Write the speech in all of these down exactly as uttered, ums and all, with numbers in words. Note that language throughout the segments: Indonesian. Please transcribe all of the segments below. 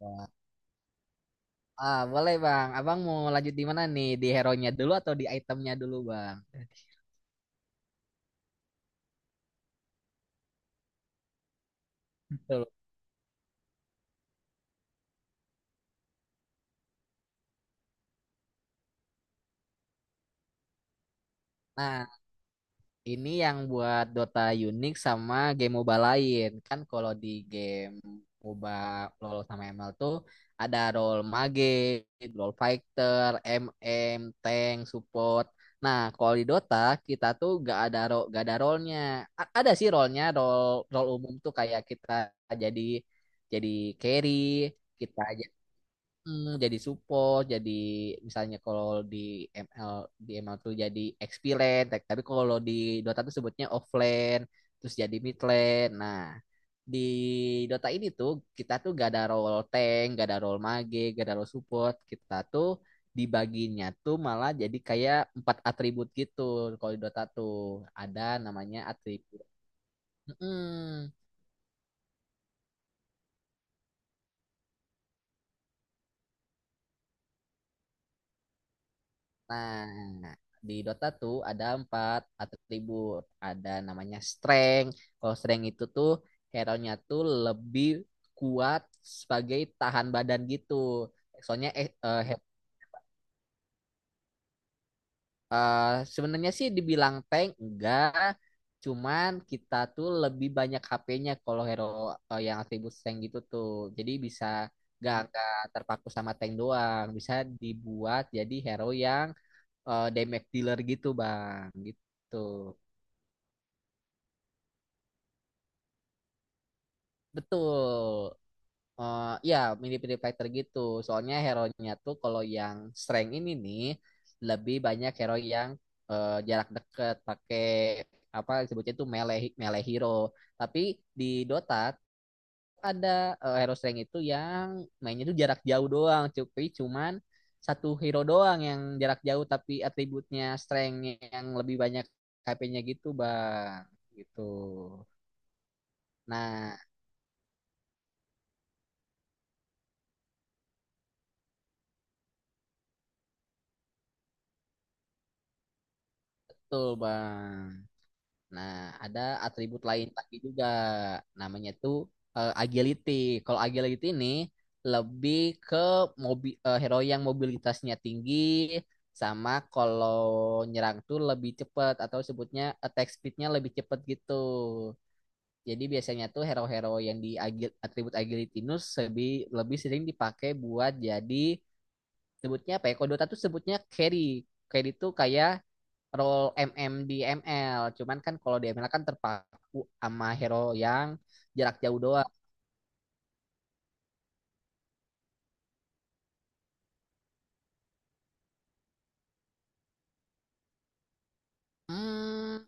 Wah. Ah, boleh Bang. Abang mau lanjut di mana nih? Di hero-nya dulu atau di itemnya dulu Bang? Dulu. Nah, ini yang buat Dota unik sama game MOBA lain. Kan kalau di game MOBA LoL sama M L tuh ada role mage, role fighter, M M, tank, support. Nah, kalau di Dota kita tuh gak ada ro gak ada role-nya. A- ada sih role-nya, role role umum tuh kayak kita jadi jadi carry, kita hmm jadi support, jadi misalnya kalau di M L di M L tuh jadi X P lane, tapi tapi kalau di Dota tuh sebutnya offlane, terus jadi mid lane. Nah, di Dota ini tuh kita tuh gak ada role tank, gak ada role mage, gak ada role support. Kita tuh dibaginya tuh malah jadi kayak empat atribut gitu, kalau di Dota tuh ada namanya atribut. Mm-mm. Nah, di Dota tuh ada empat atribut. Ada namanya strength. Kalau strength itu tuh hero-nya tuh lebih kuat sebagai tahan badan gitu. Soalnya eh, eh, he- eh, sebenarnya sih dibilang tank enggak, cuman kita tuh lebih banyak H P-nya kalau hero eh, yang atribut strength gitu tuh. Jadi bisa gak, gak terpaku sama tank doang, bisa dibuat jadi hero yang eh damage dealer gitu bang gitu betul. Eh ya, mirip-mirip fighter gitu, soalnya hero-nya tuh kalau yang strength ini nih lebih banyak hero yang eh, jarak dekat, pakai apa sebutnya itu, melee melee hero. Tapi di Dota ada eh, hero strength itu yang mainnya tuh jarak jauh doang, tapi cuman satu hero doang yang jarak jauh tapi atributnya strength, yang lebih banyak H P-nya gitu bang gitu. Nah, betul Bang. Nah, ada atribut lain lagi juga. Namanya tuh eh, agility. Kalau agility ini lebih ke mobi- eh, hero yang mobilitasnya tinggi, sama kalau nyerang tuh lebih cepat atau sebutnya attack speednya lebih cepat gitu. Jadi biasanya tuh hero-hero yang di agil- atribut agility ini lebih lebih sering dipakai buat jadi sebutnya apa ya? Kalau Dota tuh sebutnya carry. Carry itu kayak role M M di M L. Cuman kan kalau di M L kan terpaku sama hero yang jarak jauh doang. Hmm,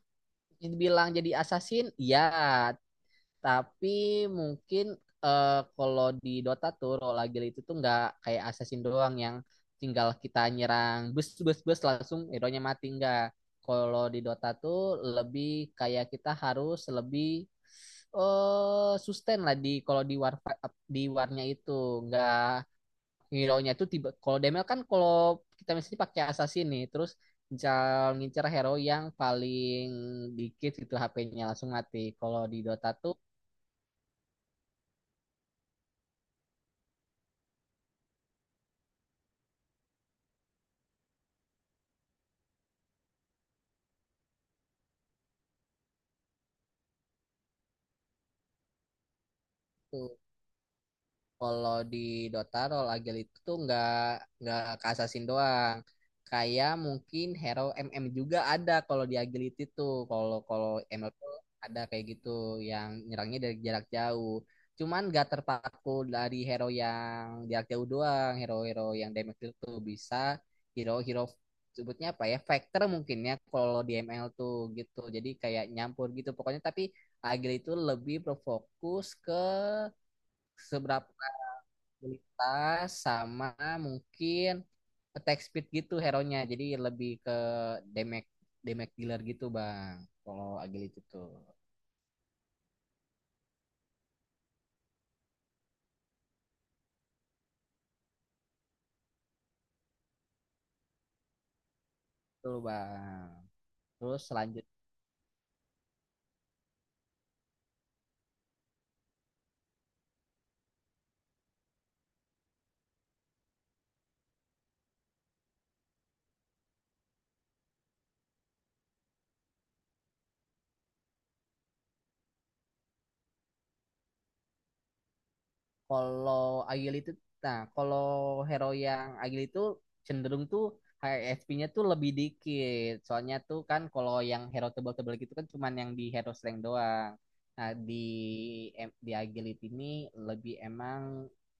Bilang jadi assassin, ya. Tapi mungkin eh, kalau di Dota tuh role agile itu tuh nggak kayak assassin doang yang tinggal kita nyerang bus bus bus langsung hero-nya mati nggak. Kalau di Dota tuh lebih kayak kita harus lebih eh uh, sustain lah di kalau di war, di warnya itu, nggak, hero-nya itu tiba, kalau D M L kan kalau kita misalnya pakai assassin nih terus ngincar ngincar hero yang paling dikit gitu H P-nya langsung mati. Kalau di Dota tuh kalau di Dota role agile itu tuh nggak nggak ke assassin doang. Kayak mungkin hero M M juga ada kalau di agility tuh. Kalau kalau M L tuh ada kayak gitu yang nyerangnya dari jarak jauh. Cuman nggak terpaku dari hero yang jarak jauh doang. Hero-hero yang damage itu bisa hero-hero, sebutnya apa ya, factor mungkin ya kalau di M L tuh gitu, jadi kayak nyampur gitu pokoknya. Tapi agility itu lebih berfokus ke seberapa tas sama mungkin attack speed gitu hero-nya. Jadi lebih ke damage damage dealer gitu, Bang. Kalau agility tuh. Betul, Bang. Terus selanjut kalau agility nah, Kalau hero yang agility itu cenderung tuh H P-nya tuh lebih dikit. Soalnya tuh kan kalau yang hero tebal-tebal gitu kan cuman yang di hero slang doang. Nah, di em- di agility ini lebih emang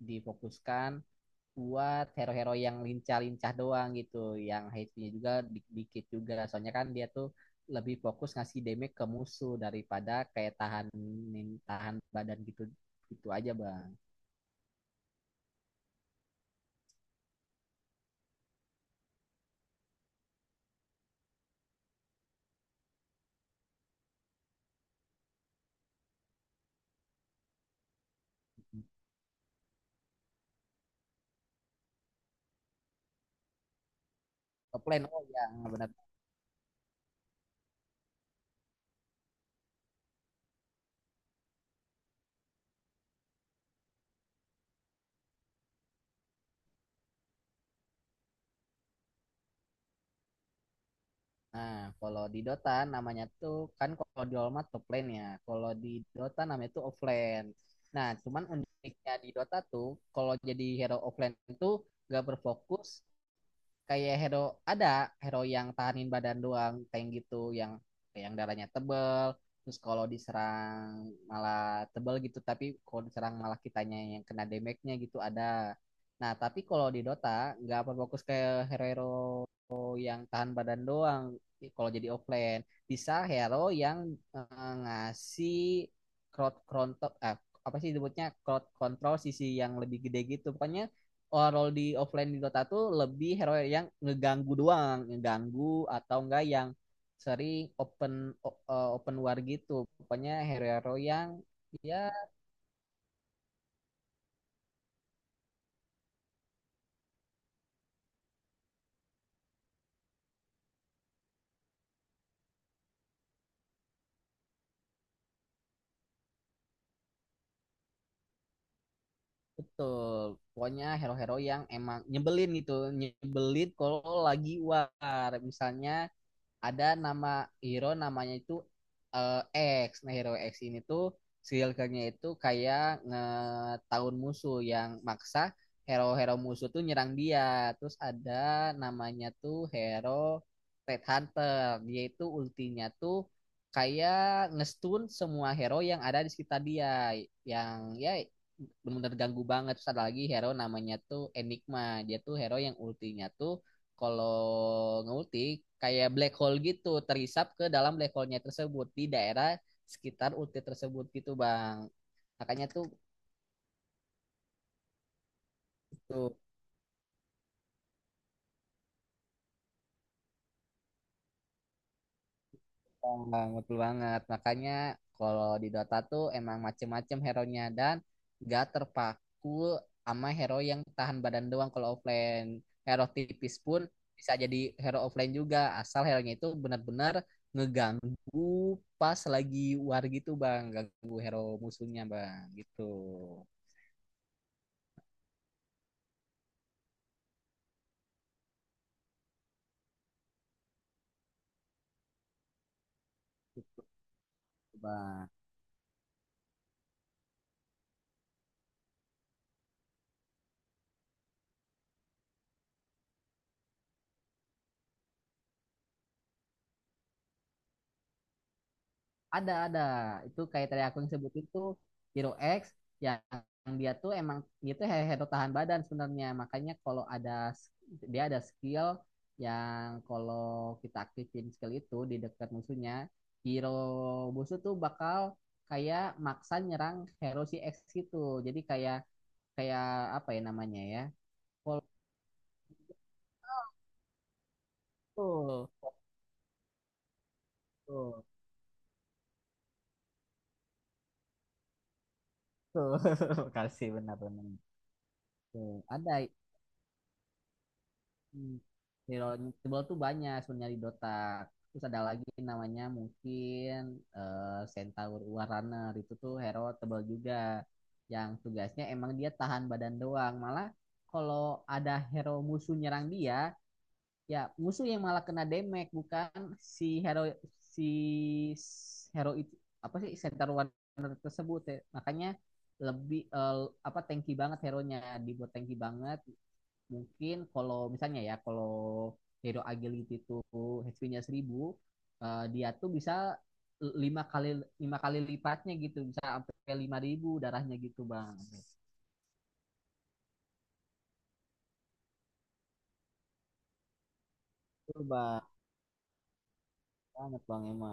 difokuskan buat hero-hero yang lincah-lincah doang gitu, yang H P-nya juga di- dikit juga. Soalnya kan dia tuh lebih fokus ngasih damage ke musuh daripada kayak tahan tahan badan gitu gitu aja, Bang. Top lane, oh ya, benar. Nah, kalau di Dota namanya tuh, kan kalau di All Might top lane ya, kalau di Dota namanya tuh offlane. Nah, cuman uniknya di Dota tuh kalau jadi hero offlane itu gak berfokus kayak hero, ada hero yang tahanin badan doang, tank gitu, yang yang darahnya tebel, terus kalau diserang malah tebel gitu, tapi kalau diserang malah kitanya yang kena damage-nya gitu ada. Nah, tapi kalau di Dota nggak berfokus kayak hero-hero yang tahan badan doang kalau jadi offlane. Bisa hero yang eh, ngasih crowd control, eh, apa sih disebutnya, crowd control sisi yang lebih gede gitu pokoknya. Role di offline di Dota tuh lebih hero yang ngeganggu doang, ngeganggu, atau enggak yang sering open uh, open war gitu. Pokoknya hero-hero yang, ya betul. Pokoknya hero-hero yang emang nyebelin gitu, nyebelin kalau lagi war. Misalnya ada nama hero, namanya itu eh, X. Nah, hero X ini tuh si nya itu kayak ngetahun musuh, yang maksa hero-hero musuh tuh nyerang dia. Terus ada namanya tuh hero Red Hunter. Dia itu ultinya tuh kayak ngestun semua hero yang ada di sekitar dia, yang ya benar-benar ganggu banget. Terus ada lagi hero namanya tuh Enigma. Dia tuh hero yang ultinya tuh kalau ngulti kayak black hole gitu, terisap ke dalam black hole-nya tersebut di daerah sekitar ulti tersebut gitu bang, makanya tuh tuh. Bang, betul banget. Makanya kalau di Dota tuh emang macem-macem hero-nya, dan gak terpaku sama hero yang tahan badan doang kalau offline. Hero tipis pun bisa jadi hero offline juga, asal hero-nya itu benar-benar ngeganggu pas lagi war gitu, Bang. Ganggu hero musuhnya, Bang. Gitu, Bang. Ada, ada. Itu kayak tadi aku yang sebutin tuh, Hero X, yang dia tuh emang, dia tuh he- hero tahan badan sebenarnya. Makanya kalau ada s- dia ada skill, yang kalau kita aktifin skill itu di dekat musuhnya, hero musuh tuh bakal kayak maksa nyerang hero si X gitu. Jadi kayak kayak apa ya namanya ya? Kalau tuh, tuh, tuh. Makasih benar-benar. Tuh, ada. Hmm. Hero Invisible tuh banyak sebenarnya di Dota. Terus ada lagi namanya mungkin eh, Centaur War Runner, itu tuh hero tebal juga. Yang tugasnya emang dia tahan badan doang. Malah kalau ada hero musuh nyerang dia, ya musuh yang malah kena damage, bukan si hero si s- hero itu, apa sih, Centaur War Runner tersebut. Ya. Makanya lebih eh, apa, tanky banget hero-nya, dibuat tanky banget. Mungkin kalau misalnya ya, kalau hero agility itu H P-nya seribu, eh, dia tuh bisa lima kali, lima kali lipatnya gitu, bisa sampai lima ribu darahnya gitu bang. Betul bang, banget bang, emang.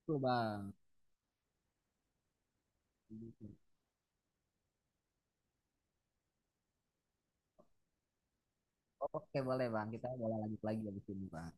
Betul bang. Oke, boleh bang, kita boleh lanjut lagi di sini bang.